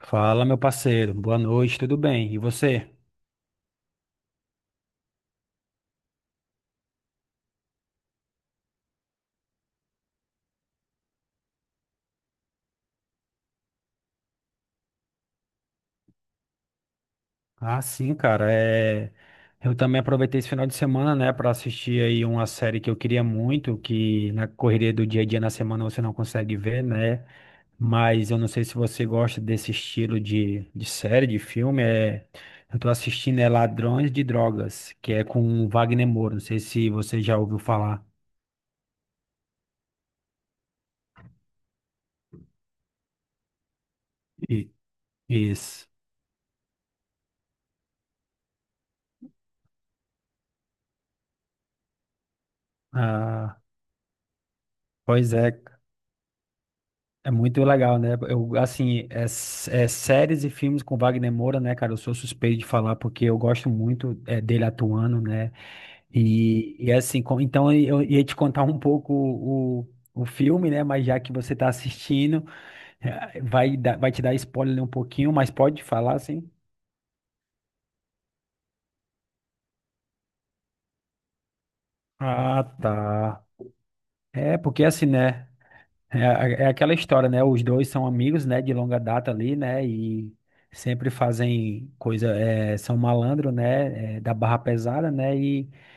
Fala, meu parceiro. Boa noite, tudo bem? E você? Ah, sim, cara. Eu também aproveitei esse final de semana, né, para assistir aí uma série que eu queria muito, que na correria do dia a dia na semana você não consegue ver, né? Mas eu não sei se você gosta desse estilo de série, de filme. Eu tô assistindo é Ladrões de Drogas, que é com o Wagner Moura. Não sei se você já ouviu falar. E- Isso. Ah, pois é. É muito legal, né? Eu, assim, séries e filmes com Wagner Moura, né, cara? Eu sou suspeito de falar porque eu gosto muito dele atuando, né? E assim, então eu ia te contar um pouco o filme, né? Mas já que você tá assistindo, vai te dar spoiler um pouquinho, mas pode falar, assim. Ah, tá. É, porque assim, né? É, é aquela história, né? Os dois são amigos, né? De longa data ali, né? E sempre fazem coisa, são malandro, né? Da barra pesada, né? E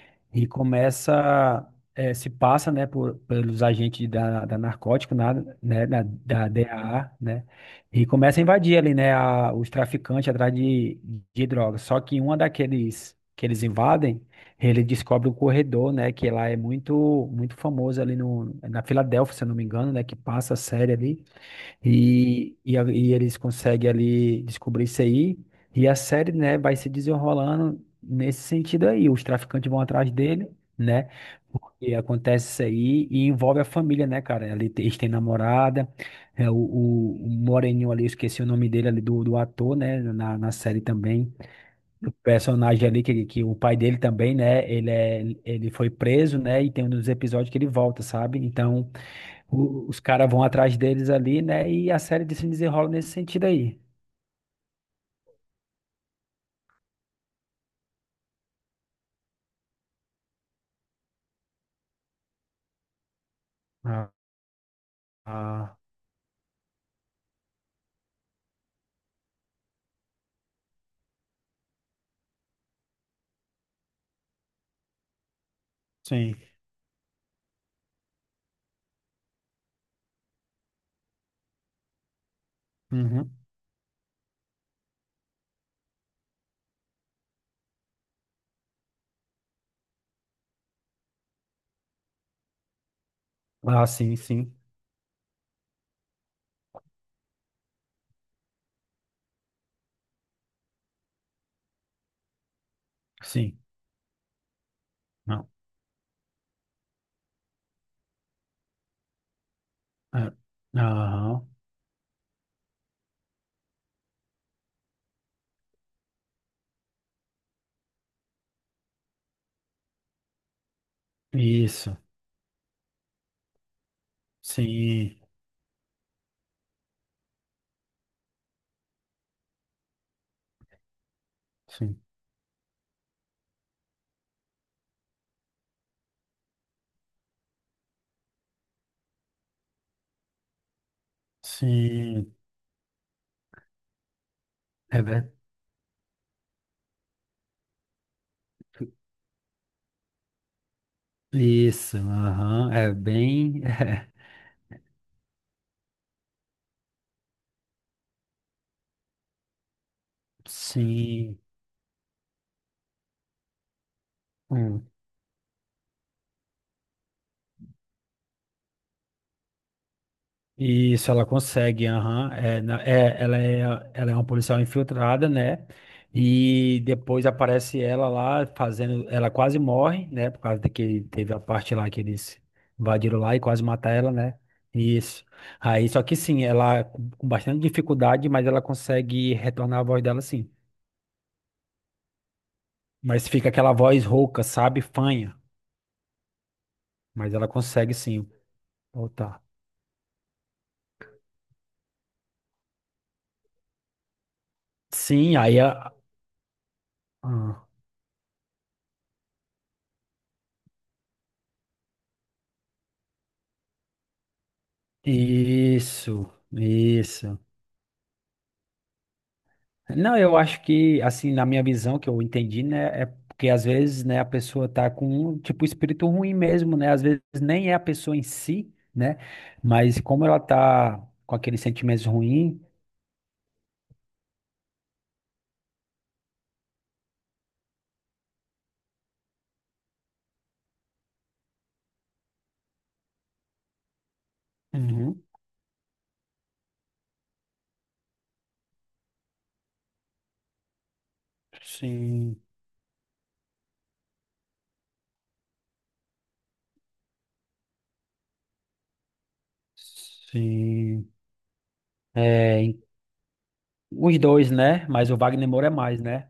se passa, né, pelos agentes da narcótico né, da DAA, né, e começa a invadir ali, né, os traficantes atrás de drogas. Só que uma daqueles que eles invadem, ele descobre o corredor, né, que lá é muito, muito famoso ali no, na Filadélfia, se eu não me engano, né, que passa a série ali. E eles conseguem ali descobrir isso aí. E a série, né, vai se desenrolando nesse sentido aí. Os traficantes vão atrás dele, né? Porque acontece isso aí e envolve a família, né, cara? Ali eles têm namorada, o Moreninho ali, eu esqueci o nome dele ali, do ator, né? Na série também. O personagem ali, que o pai dele também, né? Ele, ele foi preso, né? E tem um dos episódios que ele volta, sabe? Então os caras vão atrás deles ali, né? E a série de se desenrola nesse sentido aí. Ah, ah, sim. Uhum. Ah, sim, sim. Sim. Não. É. Aham. Isso. Sim. Sim. Sim. É verdade. Isso. Aham. É bem. Sim. Hum. Isso, ela consegue, aham. É, ela é, ela é uma policial infiltrada, né? E depois aparece ela lá fazendo. Ela quase morre, né? Por causa de que teve a parte lá que eles invadiram lá e quase mataram ela, né? Isso. Aí, só que sim, ela com bastante dificuldade, mas ela consegue retornar a voz dela, sim. Mas fica aquela voz rouca, sabe? Fanha. Mas ela consegue, sim, voltar. Sim, aí a. Ah, isso, isso. Não, eu acho que, assim, na minha visão, que eu entendi, né, é porque às vezes, né, a pessoa tá com, um, tipo, espírito ruim mesmo, né, às vezes nem é a pessoa em si, né, mas como ela tá com aqueles sentimentos ruins, uhum, sim, sim, é, em- os dois, né, mas o Wagner Moura é mais, né,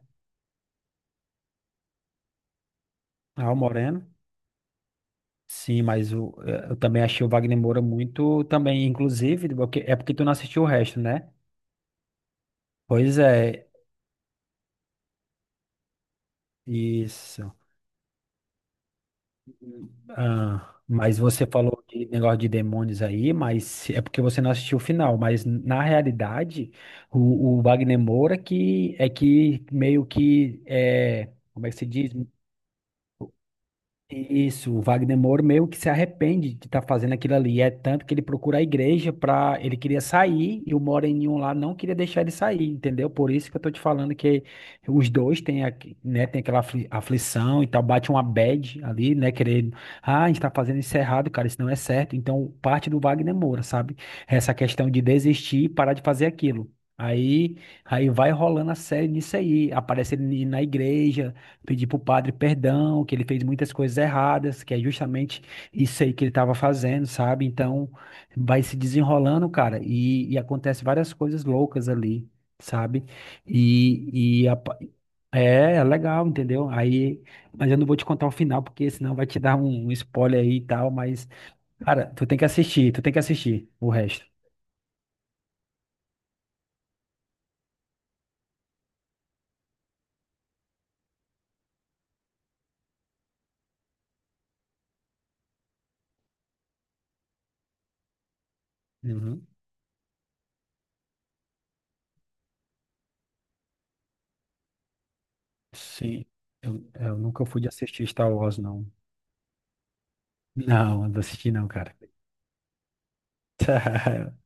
ah, o Moreno, sim, eu também achei o Wagner Moura muito, também, inclusive, porque tu não assistiu o resto, né, pois é, isso. Ah, mas você falou de negócio de demônios aí, mas é porque você não assistiu o final. Mas na realidade, o Wagner Moura que meio que é, como é que se diz? Isso, o Wagner Moura meio que se arrepende de estar fazendo aquilo ali. É tanto que ele procura a igreja para. Ele queria sair e o Moreninho lá não queria deixar ele sair, entendeu? Por isso que eu tô te falando que os dois têm, né, tem aquela aflição e tal, bate uma bad ali, né? Querendo. Ah, a gente tá fazendo isso errado, cara, isso não é certo. Então, parte do Wagner Moura, sabe? Essa questão de desistir e parar de fazer aquilo. Aí, aí vai rolando a série nisso aí. Aparece ele na igreja pedir para o padre perdão, que ele fez muitas coisas erradas, que é justamente isso aí que ele estava fazendo, sabe? Então vai se desenrolando, cara, e acontece várias coisas loucas ali, sabe? E, e a pa- é legal, entendeu? Aí, mas eu não vou te contar o final, porque senão vai te dar um spoiler aí e tal, mas, cara, tu tem que assistir, tu tem que assistir o resto. Uhum. Sim, eu nunca fui de assistir Star Wars, não. Não, não assisti não, cara.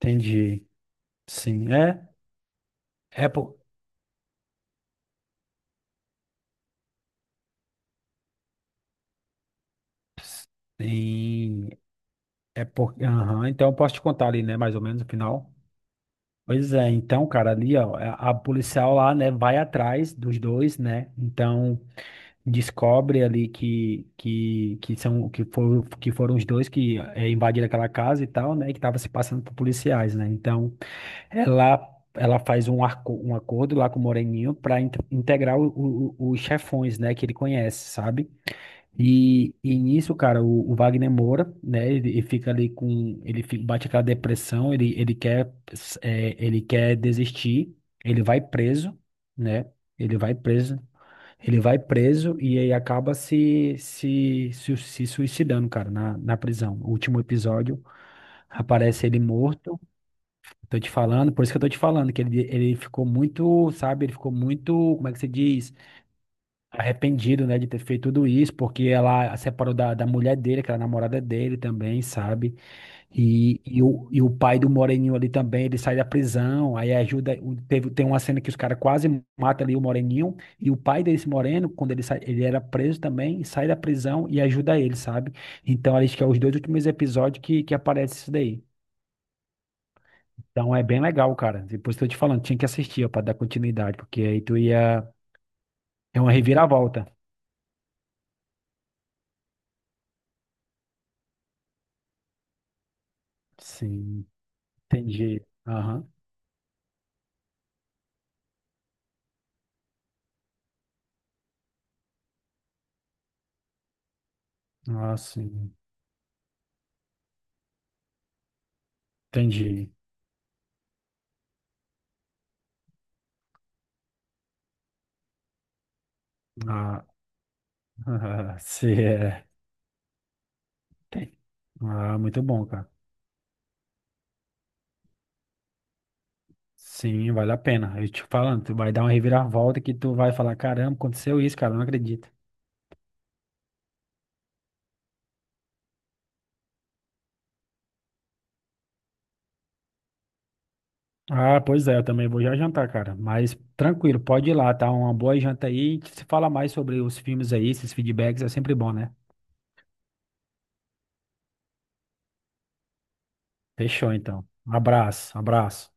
Entendi. Sim, é, é por, sim, é por, aham, então eu posso te contar ali, né, mais ou menos o final. Pois é, então, cara, ali, ó, a policial lá, né, vai atrás dos dois, né, então descobre ali que são, que foram os dois invadiram aquela casa e tal, né, que tava se passando por policiais, né, então ela, ela faz um acordo lá com o Moreninho pra integrar os chefões, né, que ele conhece, sabe? E nisso, cara, o Wagner Moura, né, ele fica ali com, ele bate aquela depressão, ele quer, ele quer desistir, ele vai preso, né, ele vai preso, ele vai preso e aí acaba se suicidando, cara, na prisão. O último episódio aparece ele morto, tô te falando, por isso que eu tô te falando, que ele ficou muito, sabe, ele ficou muito, como é que se diz? Arrependido, né, de ter feito tudo isso, porque ela se separou da mulher dele, que era a namorada dele também, sabe? E o pai do Moreninho ali também, ele sai da prisão, aí ajuda, tem uma cena que os caras quase matam ali o Moreninho, e o pai desse Moreno, quando ele sai, ele era preso também, sai da prisão e ajuda ele, sabe? Então, acho que é os dois últimos episódios que aparece isso daí. Então é bem legal, cara. Depois tô te falando, tinha que assistir, ó, pra dar continuidade, porque aí tu ia. É uma reviravolta. Sim, entendi. Aham. Ah, sim. Entendi. Ah, se é. Tem. Ah, muito bom, cara. Sim, vale a pena. Eu te falando, tu vai dar uma reviravolta que tu vai falar, caramba, aconteceu isso, cara, não acredito. Ah, pois é, eu também vou já jantar, cara. Mas tranquilo, pode ir lá, tá? Uma boa janta aí. A gente se fala mais sobre os filmes aí, esses feedbacks é sempre bom, né? Fechou, então. Um abraço, abraço.